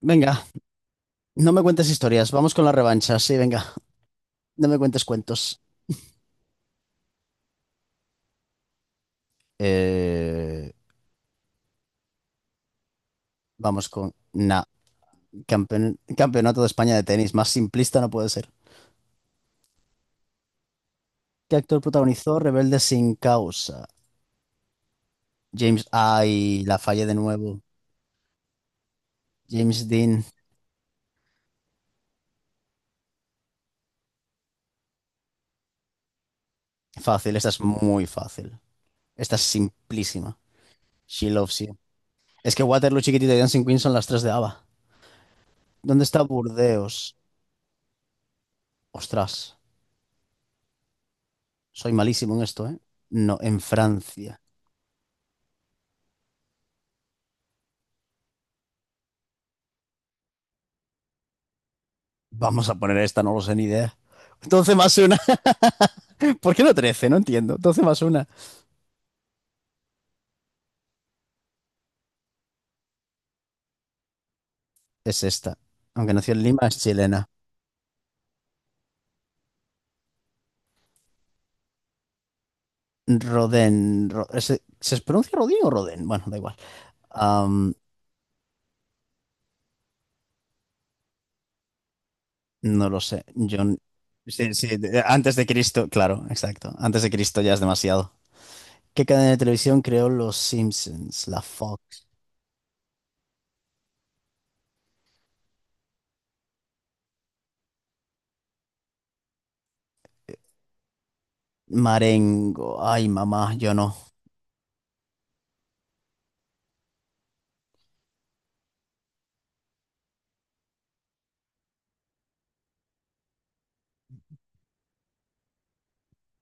Venga, no me cuentes historias, vamos con la revancha, sí, venga, no me cuentes cuentos. Eh, Vamos con na. Campeonato de España de tenis, más simplista no puede ser. ¿Qué actor protagonizó Rebelde sin causa? James, ay, la fallé de nuevo. James Dean, fácil, esta es muy fácil. Esta es simplísima. She loves you. Es que Waterloo, Chiquitita y Dancing Queen son las tres de ABBA. ¿Dónde está Burdeos? Ostras, soy malísimo en esto, ¿eh? No, en Francia. Vamos a poner esta, no lo sé ni idea. 12 más 1. ¿Por qué no 13? No entiendo. 12 más 1. Es esta. Aunque nació en Lima, es chilena. Rodén. ¿Se pronuncia Rodín o Rodén? Bueno, da igual. Am, no lo sé. John. Sí, sí, antes de Cristo, claro, exacto. Antes de Cristo ya es demasiado. ¿Qué cadena de televisión creó Los Simpsons? La Fox. Marengo. Ay, mamá, yo no.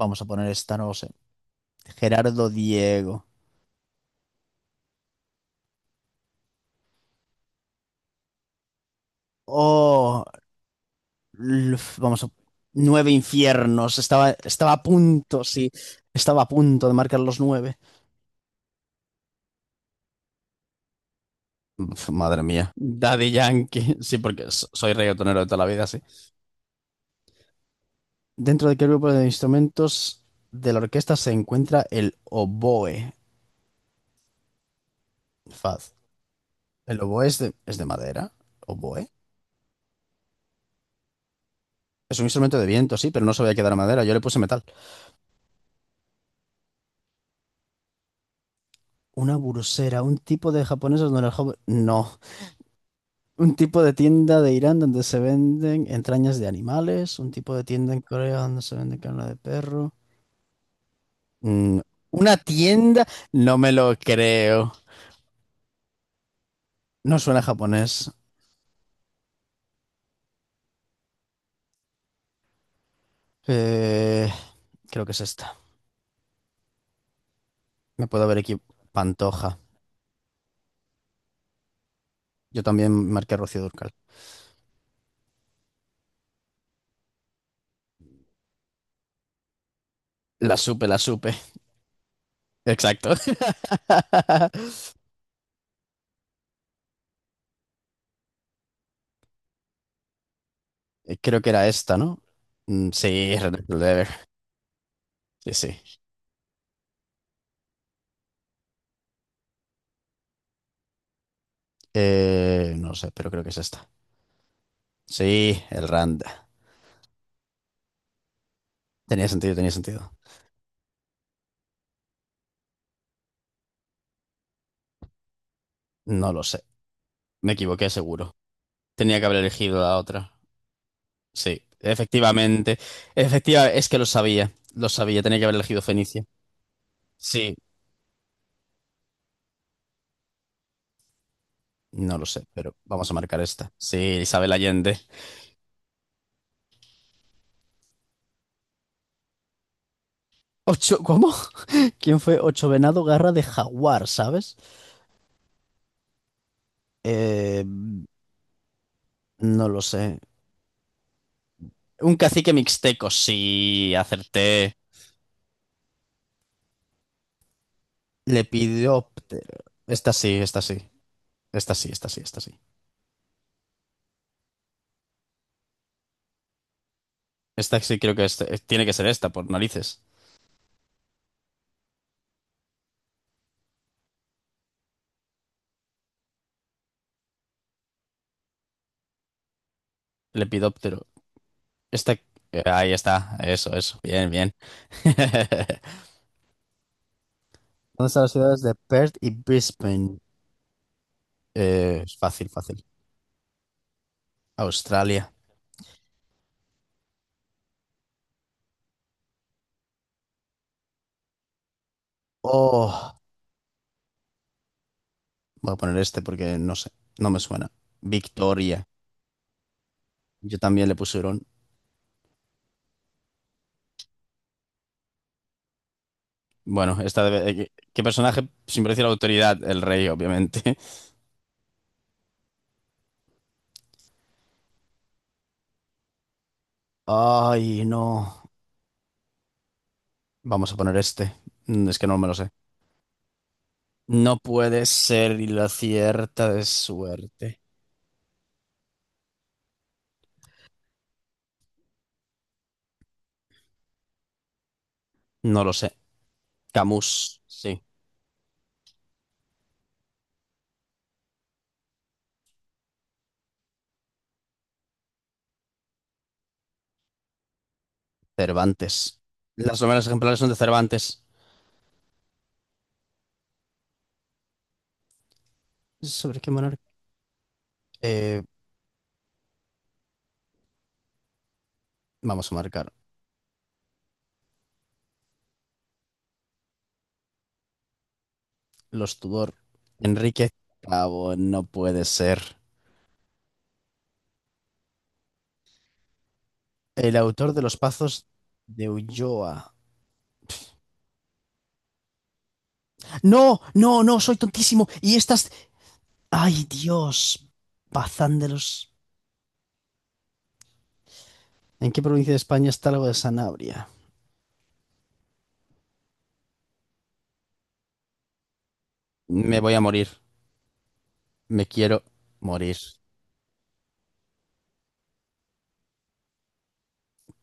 Vamos a poner esta, no lo sé. Gerardo Diego. Oh, Luf, vamos, nueve infiernos. Estaba a punto, sí. Estaba a punto de marcar los nueve. Uf, madre mía. Daddy Yankee. Sí, porque soy reggaetonero de toda la vida, sí. Dentro de qué grupo de instrumentos de la orquesta se encuentra el oboe. Faz. ¿El oboe es de madera? ¿Oboe? Es un instrumento de viento, sí, pero no sabía que era madera. Yo le puse metal. Una burusera, un tipo de japonesas donde el joven... No. Un tipo de tienda de Irán donde se venden entrañas de animales, un tipo de tienda en Corea donde se vende carne de perro. Mm, una tienda, no me lo creo. No suena japonés. Eh, Creo que es esta. Me puedo haber aquí Pantoja. Yo también marqué Rocío Durcal. La supe, la supe. Exacto. Creo que era esta, ¿no? Mm, sí, Red Dead Lever. Sí, sí. No sé, pero creo que es esta. Sí, el Randa. Tenía sentido, tenía sentido. No lo sé. Me equivoqué seguro. Tenía que haber elegido la otra. Sí, efectivamente. Efectiva, es que lo sabía. Lo sabía, tenía que haber elegido Fenicia. Sí, no lo sé, pero vamos a marcar esta. Sí, Isabel Allende. Ocho, ¿cómo? ¿Quién fue? Ocho Venado Garra de Jaguar, ¿sabes? Eh, no lo sé. Un cacique mixteco, sí, acerté. Lepidióptero. Esta sí, esta sí. Esta sí, esta sí, esta sí. Esta sí creo que es- Tiene que ser esta, por narices. Lepidóptero. Este, ahí está, eso, bien, bien. ¿Dónde están las ciudades de Perth y Brisbane? Es fácil, fácil. Australia. Oh, voy a poner este porque no sé, no me suena. Victoria. Yo también le puse Hurón. ¿Qué personaje simboliza la autoridad? El rey, obviamente. Ay, no. Vamos a poner este. Es que no me lo sé. No puede ser y la cierta de suerte. No lo sé. Camus, sí. Cervantes. Las novelas ejemplares son de Cervantes. ¿Sobre qué monarca? Eh, Vamos a marcar. Los Tudor. Enrique Cabo, no puede ser. El autor de Los Pazos de Ulloa. No, no, no, soy tontísimo. Y estas... ¡Ay, Dios! Bazán de los... ¿En qué provincia de España está algo de Sanabria? Me voy a morir. Me quiero morir.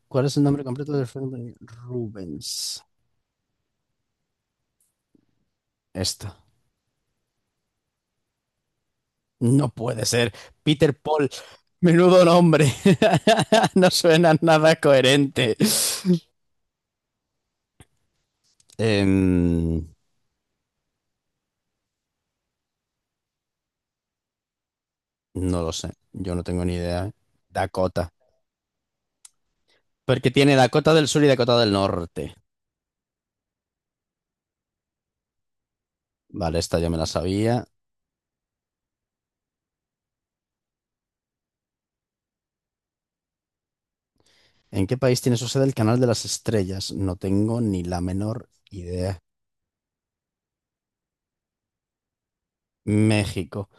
¿Cuál es el nombre completo del fenómeno? Rubens. Esta. No puede ser. Peter Paul, menudo nombre. No suena nada coherente. Em, no lo sé. Yo no tengo ni idea. Dakota. Porque tiene Dakota del Sur y Dakota del Norte. Vale, esta ya me la sabía. ¿En qué país tiene su sede el Canal de las Estrellas? No tengo ni la menor idea. México.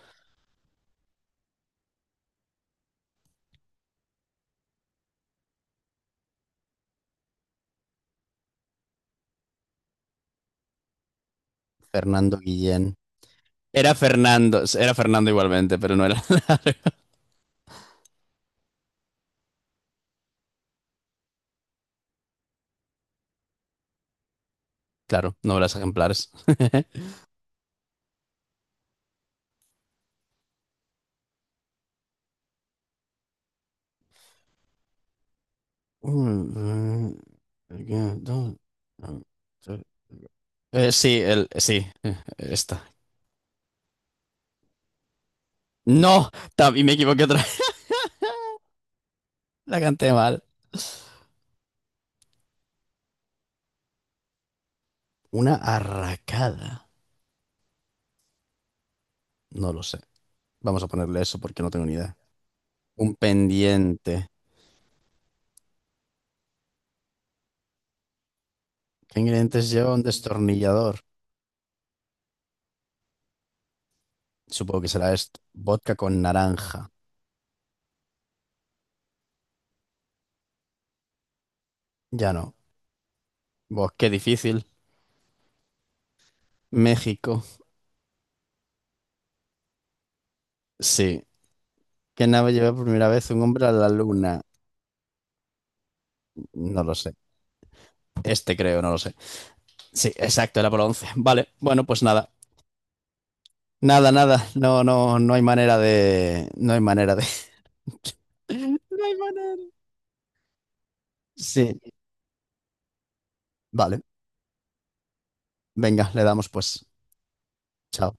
Fernando Guillén. Era Fernando. Era Fernando igualmente, pero no era. Claro, novelas ejemplares. Mm, mm, again, no, sorry. Esta. No, también me equivoqué otra vez. La canté mal. Una arracada. No lo sé. Vamos a ponerle eso porque no tengo ni idea. Un pendiente. ¿Qué ingredientes lleva un destornillador? Supongo que será esto. Vodka con naranja. Ya no. Buah, qué difícil. México. Sí. ¿Qué nave lleva por primera vez un hombre a la luna? No lo sé. Este creo, no lo sé. Sí, exacto, era por 11. Vale, bueno, pues nada. Nada, nada. No, no hay manera de. No hay manera de. No hay manera. Sí, vale. Venga, le damos pues. Chao.